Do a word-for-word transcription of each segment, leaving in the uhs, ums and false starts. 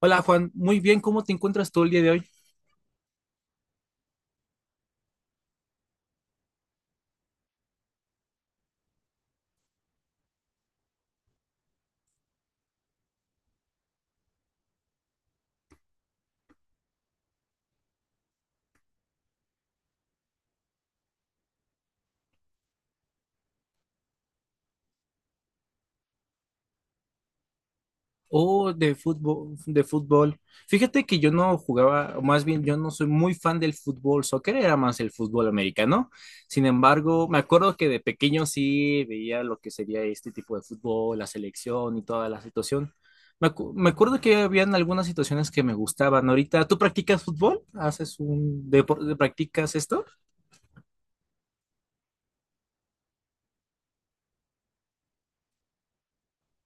Hola Juan, muy bien, ¿cómo te encuentras tú el día de hoy? Oh, de fútbol, de fútbol. Fíjate que yo no jugaba, o más bien yo no soy muy fan del fútbol soccer, era más el fútbol americano. Sin embargo, me acuerdo que de pequeño sí veía lo que sería este tipo de fútbol, la selección y toda la situación. Me, acu- me acuerdo que habían algunas situaciones que me gustaban. Ahorita, ¿tú practicas fútbol? ¿Haces un deporte? ¿Practicas esto?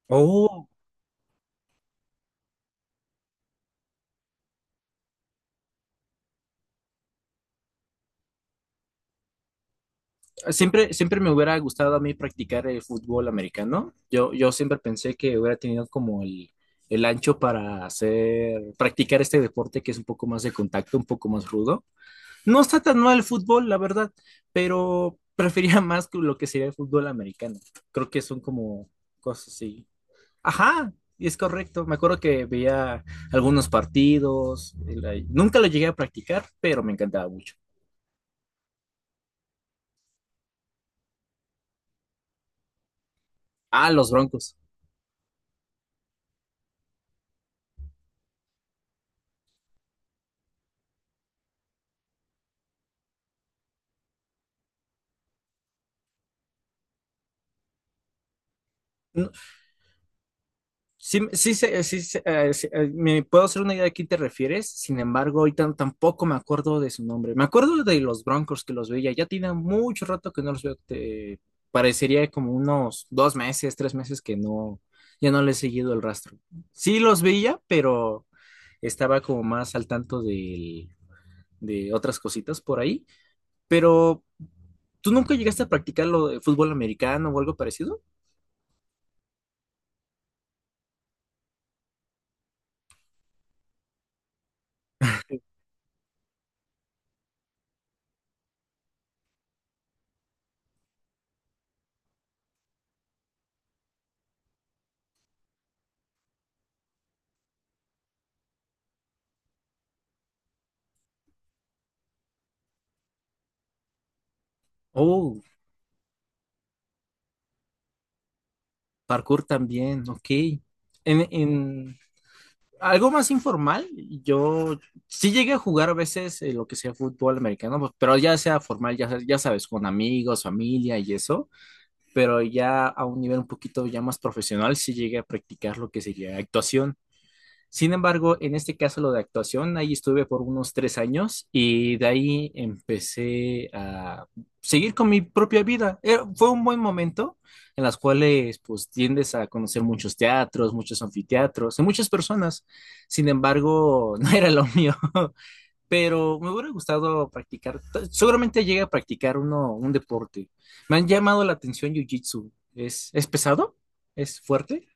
Oh, Siempre, siempre me hubiera gustado a mí practicar el fútbol americano. Yo, yo siempre pensé que hubiera tenido como el, el ancho para hacer, practicar este deporte que es un poco más de contacto, un poco más rudo. No está tan mal el fútbol, la verdad, pero prefería más que lo que sería el fútbol americano. Creo que son como cosas así. Ajá, y es correcto. Me acuerdo que veía algunos partidos. el- Nunca lo llegué a practicar, pero me encantaba mucho. Ah, los Broncos. Sí, sí, sé- eh, sí, sé, eh, sí, eh, me puedo hacer una idea de quién te refieres. Sin embargo, ahorita no, tampoco me acuerdo de su nombre. Me acuerdo de los Broncos que los veía, ya tiene mucho rato que no los veo, te- parecería como unos dos meses, tres meses que no, ya no le he seguido el rastro. Sí los veía, pero estaba como más al tanto del- de otras cositas por ahí, pero ¿tú nunca llegaste a practicar lo de fútbol americano o algo parecido? Oh, parkour también, ok. En, en, algo más informal, yo sí llegué a jugar a veces eh, lo que sea fútbol americano, pues, pero ya sea formal, ya, ya sabes, con amigos, familia y eso, pero ya a un nivel un poquito ya más profesional, sí llegué a practicar lo que sería actuación. Sin embargo, en este caso lo de actuación, ahí estuve por unos tres años y de ahí empecé a seguir con mi propia vida. Eh, Fue un buen momento en las cuales pues tiendes a conocer muchos teatros, muchos anfiteatros y muchas personas. Sin embargo, no era lo mío, pero me hubiera gustado practicar. T- Seguramente llegué a practicar uno, un deporte. Me han llamado la atención Jiu-Jitsu. ¿Es, es pesado? ¿Es fuerte?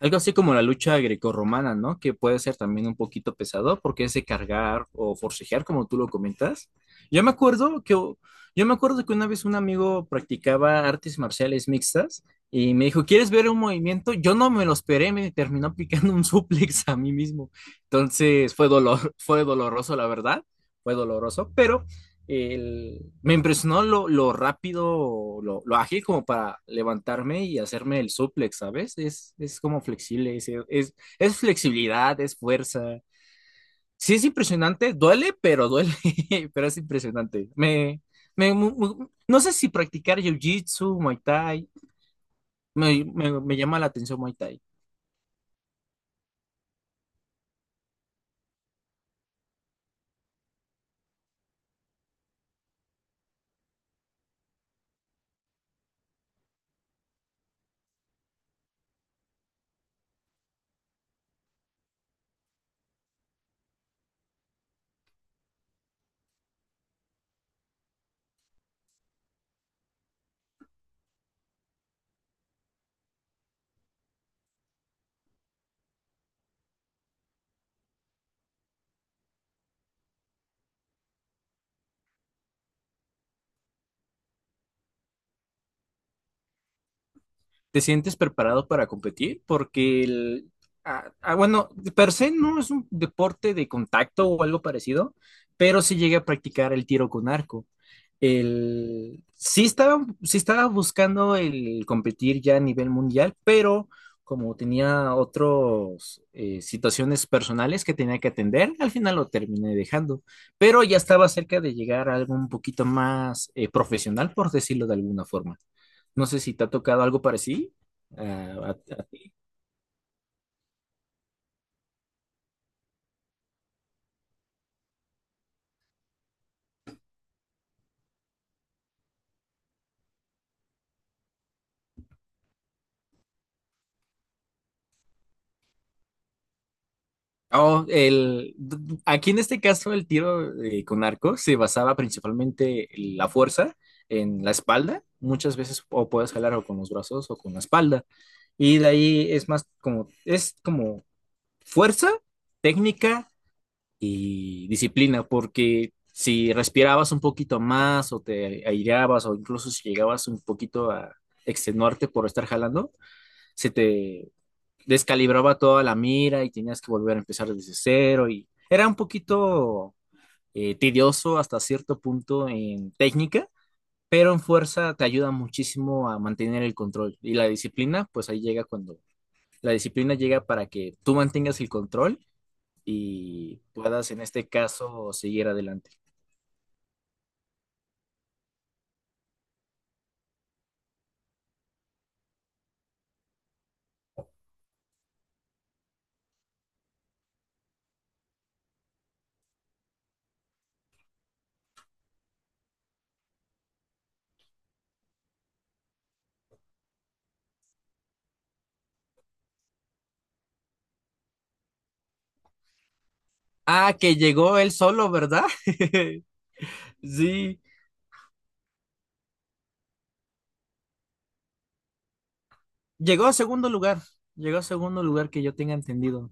Algo así como la lucha grecorromana, ¿no? Que puede ser también un poquito pesado porque es de cargar o forcejear, como tú lo comentas. Yo me acuerdo que, yo me acuerdo que una vez un amigo practicaba artes marciales mixtas y me dijo, ¿quieres ver un movimiento? Yo no me lo esperé, me terminó aplicando un suplex a mí mismo. Entonces fue dolor, fue doloroso, la verdad, fue doloroso, pero el... me impresionó lo, lo rápido, lo, lo, ágil, como para levantarme y hacerme el suplex, ¿sabes? Es, es como flexible, es, es, es flexibilidad, es fuerza. Sí es impresionante, duele, pero duele, pero es impresionante. Me, me, me, no sé si practicar jiu-jitsu, Muay Thai, me, me, me llama la atención Muay Thai. ¿Te sientes preparado para competir? Porque el, ah, ah, bueno, de per se no es un deporte de contacto o algo parecido, pero sí llegué a practicar el tiro con arco. El, sí estaba, sí estaba buscando el competir ya a nivel mundial, pero como tenía otras situaciones personales que tenía que atender, al final lo terminé dejando. Pero ya estaba cerca de llegar a algo un poquito más eh, profesional, por decirlo de alguna forma. No sé si te ha tocado algo parecido. Ah, a- a- oh, el, aquí en este caso el tiro eh, con arco se basaba principalmente en la fuerza en la espalda. Muchas veces o puedes jalar o con los brazos o con la espalda. Y de ahí es más como, es como fuerza, técnica y disciplina, porque si respirabas un poquito más o te aireabas o incluso si llegabas un poquito a extenuarte por estar jalando, se te descalibraba toda la mira y tenías que volver a empezar desde cero y era un poquito eh, tedioso hasta cierto punto en técnica, pero en fuerza te ayuda muchísimo a mantener el control y la disciplina, pues ahí llega cuando la disciplina llega para que tú mantengas el control y puedas en este caso seguir adelante. Ah, que llegó él solo, ¿verdad? Sí, llegó a segundo lugar, llegó a segundo lugar que yo tenga entendido.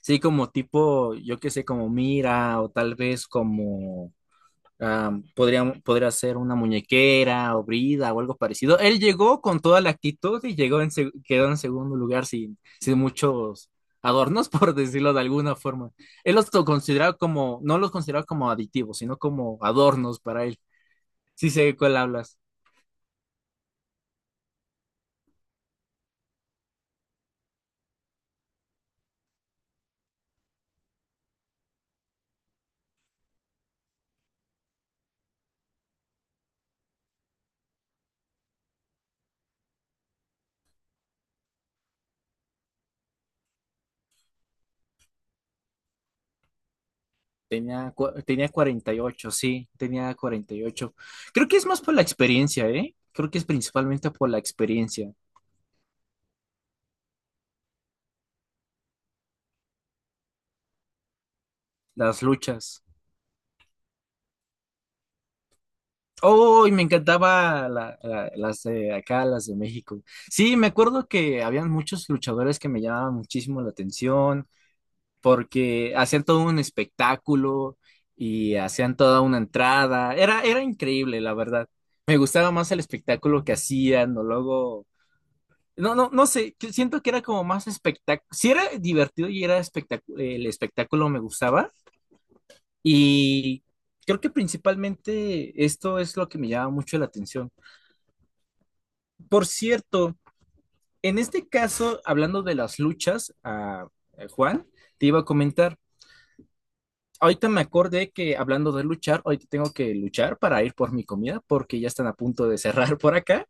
Sí, como tipo, yo qué sé, como mira, o tal vez como am, podría, podría ser una muñequera o brida o algo parecido. Él llegó con toda la actitud y llegó en, seg- quedó en segundo lugar sin, sin muchos adornos, por decirlo de alguna forma. Él los to- consideraba como, no los consideraba como aditivos, sino como adornos para él. Sí sé de cuál hablas. Tenía, cu- tenía cuarenta y ocho, sí, tenía cuarenta y ocho. Creo que es más por la experiencia, ¿eh? Creo que es principalmente por la experiencia. Las luchas. ¡Oh! Y me encantaba la- la- las de acá, las de México. Sí, me acuerdo que habían muchos luchadores que me llamaban muchísimo la atención porque hacían todo un espectáculo y hacían toda una entrada. Era, era increíble, la verdad. Me gustaba más el espectáculo que hacían o luego... No, no, no sé, que siento que era como más espectáculo. Sí era divertido y era espectáculo, el espectáculo me gustaba. Y creo que principalmente esto es lo que me llama mucho la atención. Por cierto, en este caso, hablando de las luchas, ah, eh, Juan, te iba a comentar. Ahorita me acordé que, hablando de luchar, ahorita tengo que luchar para ir por mi comida porque ya están a punto de cerrar por acá.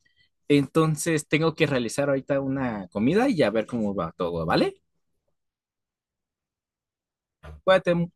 Entonces tengo que realizar ahorita una comida y a ver cómo va todo, ¿vale? Cuídate,